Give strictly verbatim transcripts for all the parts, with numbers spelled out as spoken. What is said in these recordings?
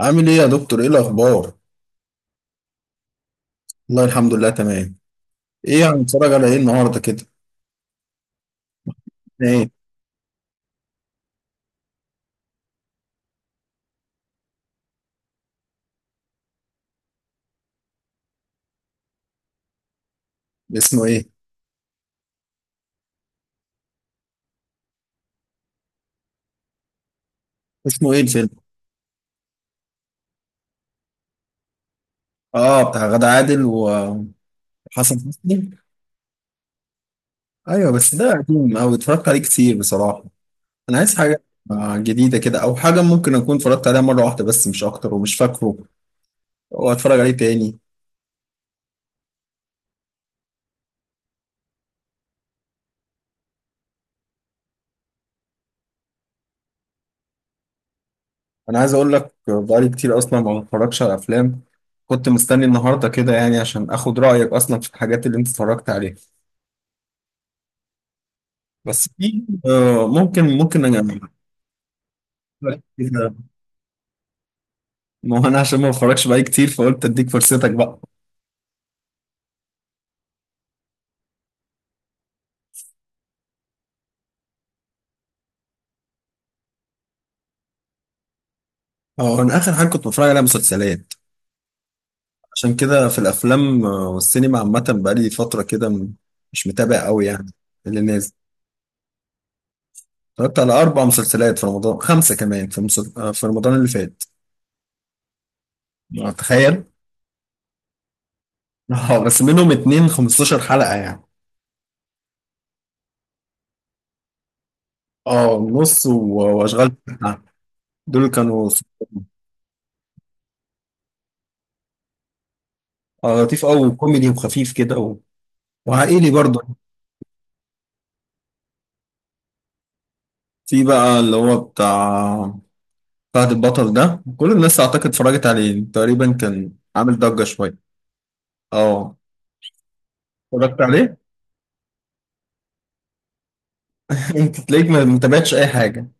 عامل ايه يا دكتور؟ ايه الاخبار؟ والله الحمد لله تمام. ايه هنتفرج على ايه النهارده كده؟ ايه؟ اسمه ايه؟ اسمه ايه الفيلم؟ اه، بتاع غادة عادل وحسن حسني. ايوه، بس ده قديم اوي، اتفرجت عليه كتير بصراحه. انا عايز حاجه آه، جديده كده، او حاجه ممكن اكون اتفرجت عليها مره واحده بس، مش اكتر ومش فاكره، واتفرج عليه تاني. انا عايز اقول لك، آه، بقالي كتير اصلا ما بتفرجش على افلام. كنت مستني النهارده كده يعني عشان اخد رايك اصلا في الحاجات اللي انت اتفرجت عليها. بس في آه، ممكن ممكن انا. ما هو انا عشان ما بتفرجش بقى كتير، فقلت اديك فرصتك بقى. اه، انا اخر حاجه كنت بتفرج عليها مسلسلات. عشان كده في الافلام آه، والسينما عامه بقالي فتره كده، م- مش متابع قوي يعني اللي نازل. اتفرجت على اربع مسلسلات في رمضان، خمسه كمان في مسل... آه، في رمضان اللي فات. آه، تخيل. اه بس منهم اتنين 15 حلقه يعني. اه، نص و- واشغال شقة. دول كانوا س- آه، لطيف قوي وكوميدي وخفيف كده و... وعائلي برضه. في بقى اللي هو بتاع فهد البطل ده، كل الناس اعتقد اتفرجت عليه تقريبا، كان عامل ضجة شوية. اه، اتفرجت عليه. انت تلاقيك ما ما متابعتش اي حاجة.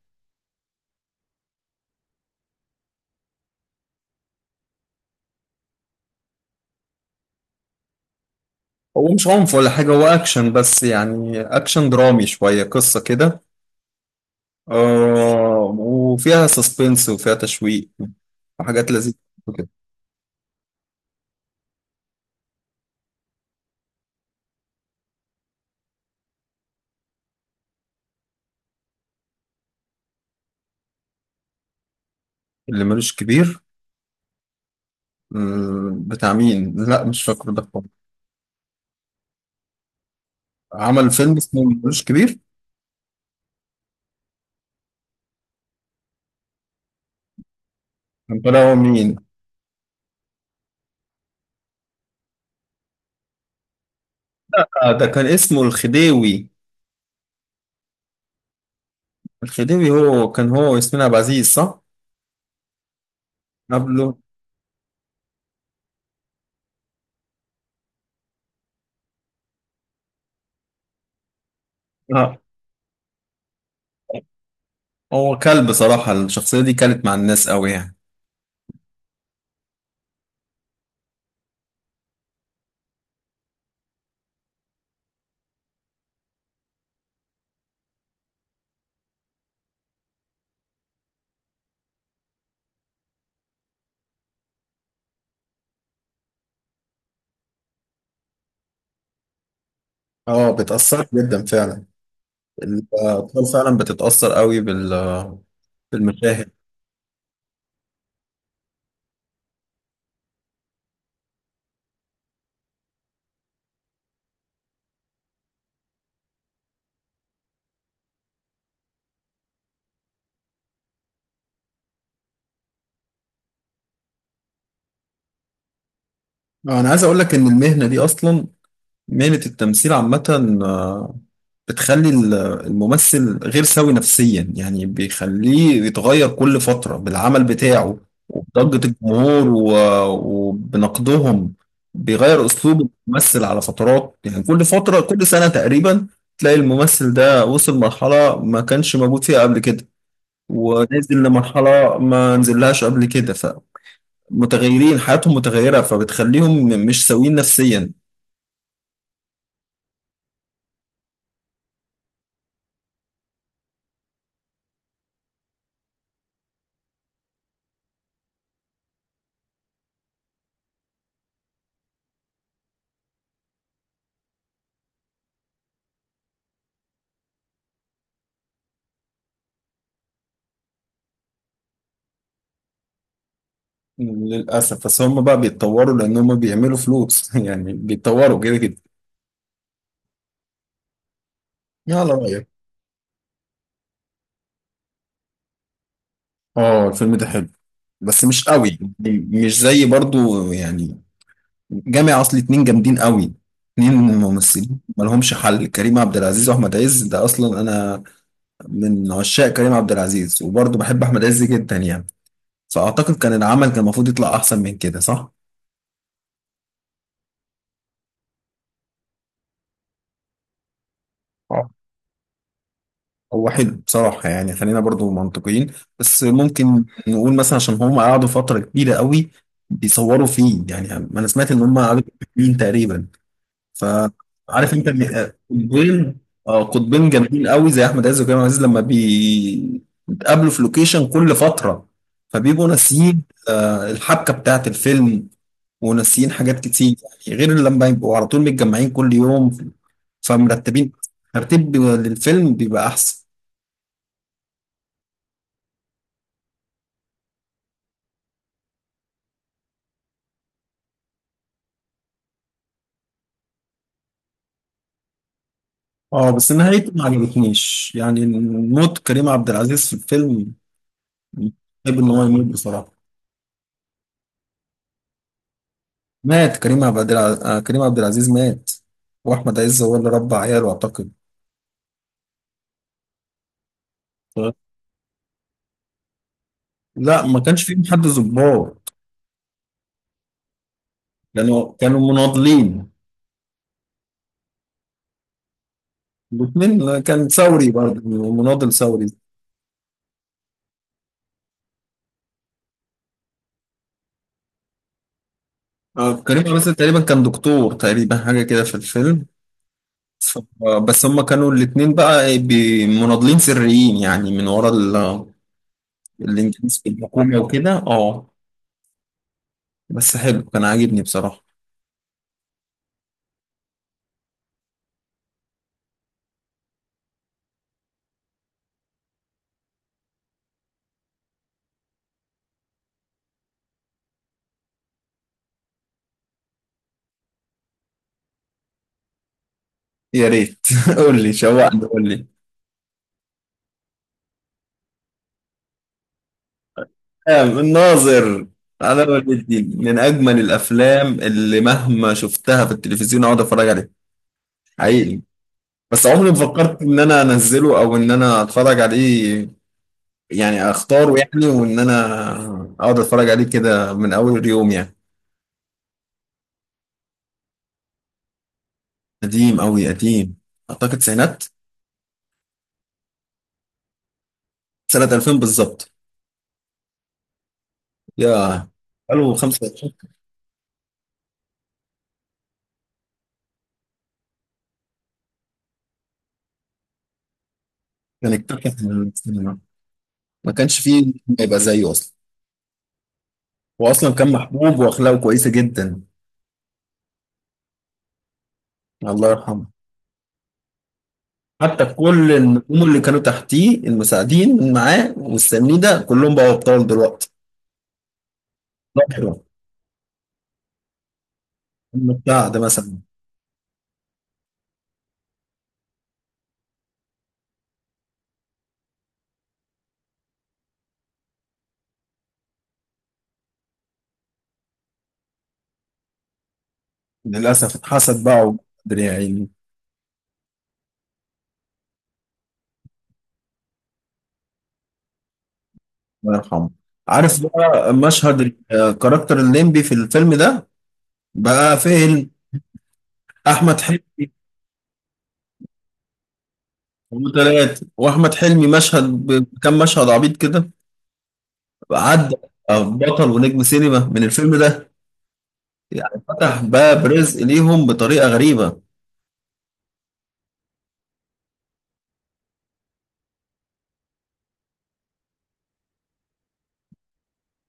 هو مش عنف ولا حاجة، هو اكشن بس، يعني اكشن درامي شوية، قصة كده، آه وفيها سسبنس وفيها تشويق وحاجات لذيذة كده. اللي ملوش كبير؟ مم، بتاع مين؟ لا مش فاكر ده خالص. عمل فيلم اسمه ملوش كبير؟ كان طالع هو مين؟ آه، ده كان اسمه الخديوي. الخديوي هو كان هو وياسمين عبد العزيز، صح؟ قبله؟ اه. هو كلب صراحة، الشخصية دي كانت مع الناس قوي يعني. اه، بتأثر جدا فعلا. الأطفال فعلا بتتأثر قوي بال بالمشاهد. آه، أنا عايز أقول لك إن المهنة دي أصلا، مهنة التمثيل عامة، آه، بتخلي ال- الممثل غير سوي نفسيا، يعني بيخليه يتغير كل فترة بالعمل بتاعه، وبضجة الجمهور و- وبنقدهم. بيغير أسلوب الممثل على فترات يعني، كل فترة كل سنة تقريبا تلاقي الممثل ده وصل مرحلة ما كانش موجود فيها قبل كده، ونازل لمرحلة ما نزلهاش قبل كده. فمتغيرين، حياتهم متغيرة، فبتخليهم مش سويين نفسيا. للأسف بس هم بقى بيتطوروا، لأن هم بيعملوا فلوس، يعني بيتطوروا كده كده. يلا رأيك. اه، الفيلم ده حلو بس مش قوي يعني، مش زي برضو يعني جامع، أصل اتنين جامدين قوي، اتنين ممثلين مالهمش حل، كريم عبد العزيز وأحمد عز. ده أصلا أنا من عشاق كريم عبد العزيز، وبرضو بحب أحمد عز جدا يعني. فأعتقد كان العمل كان المفروض يطلع أحسن من كده، صح؟ هو حلو بصراحة، يعني خلينا برضو منطقيين. بس ممكن نقول مثلا عشان هم قعدوا فترة كبيرة قوي بيصوروا فيه، يعني أنا سمعت إن هم قعدوا سنين تقريبا. فعارف أنت، م- قطبين، آه، قطبين جامدين قوي زي أحمد عز وكريم عبد العزيز، لما بي- بيتقابلوا في لوكيشن كل فترة، فبيبقوا ناسيين آه، الحبكة بتاعت الفيلم، وناسيين حاجات كتير يعني. غير لما يبقوا على طول متجمعين كل يوم، فمرتبين ترتيب للفيلم بيبقى أحسن. اه بس نهايته ما عجبتنيش، يعني موت كريم عبد العزيز في الفيلم. بحب ان هو يموت بصراحه. مات كريم عبد العزيز، آه كريم عبد العزيز مات، واحمد عز هو اللي ربى عياله اعتقد. ف- لا ما كانش فيهم حد ظباط، كانوا كانوا مناضلين. الاثنين كان ثوري برضه، مناضل ثوري. آه، كريم عبد العزيز تقريبا كان دكتور تقريبا، حاجه كده في الفيلم. ف- آه، بس هما كانوا الاثنين بقى بي- مناضلين سريين يعني، من ورا الانجليزي الحكومي وكده. اه بس حلو، كان عاجبني بصراحة. يا ريت. قول لي، شوقني، قول لي. آه، الناظر، على ولي الدين، من اجمل الافلام، اللي مهما شفتها في التلفزيون اقعد اتفرج عليها. حقيقي. بس عمري ما فكرت ان انا انزله، او ان انا اتفرج عليه يعني، اختاره يعني، وان انا اقعد اتفرج عليه كده من اول يوم يعني. قديم قوي قديم، اعتقد سنة سنة الفين بالظبط. يا، قالوا خمسة وعشرين. كان اكتسح السينما، ما كانش فيه ما يبقى زيه اصلا. هو اصلا كان محبوب واخلاقه كويسه جدا، الله يرحمه. حتى كل النجوم اللي كانوا تحتيه المساعدين معاه والسامين ده، كلهم بقوا ابطال دلوقتي. ظاهره بتاع ده مثلا. للاسف اتحسد بقى وقدر، يا عيني. الله يرحمه. عارف بقى مشهد الكاركتر الليمبي في الفيلم ده بقى فين؟ احمد حلمي. وثلاث، واحمد حلمي مشهد بكم مشهد عبيط كده عدى، بطل ونجم سينما من الفيلم ده. يعني فتح باب رزق ليهم بطريقة غريبة.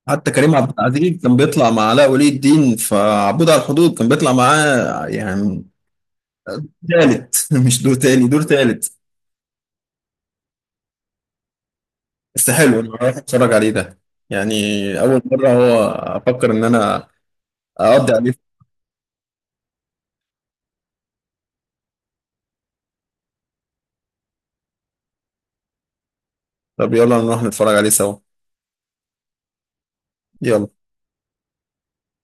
حتى كريم عبد العزيز كان بيطلع مع علاء ولي الدين في عبود على الحدود، كان بيطلع معاه يعني تالت. مش دور تاني، دور تالت. بس حلو، انا هروح اتفرج عليه ده يعني، اول مرة هو افكر ان انا اقضي عليه. طب يلا نروح نتفرج عليه سوا. يلا.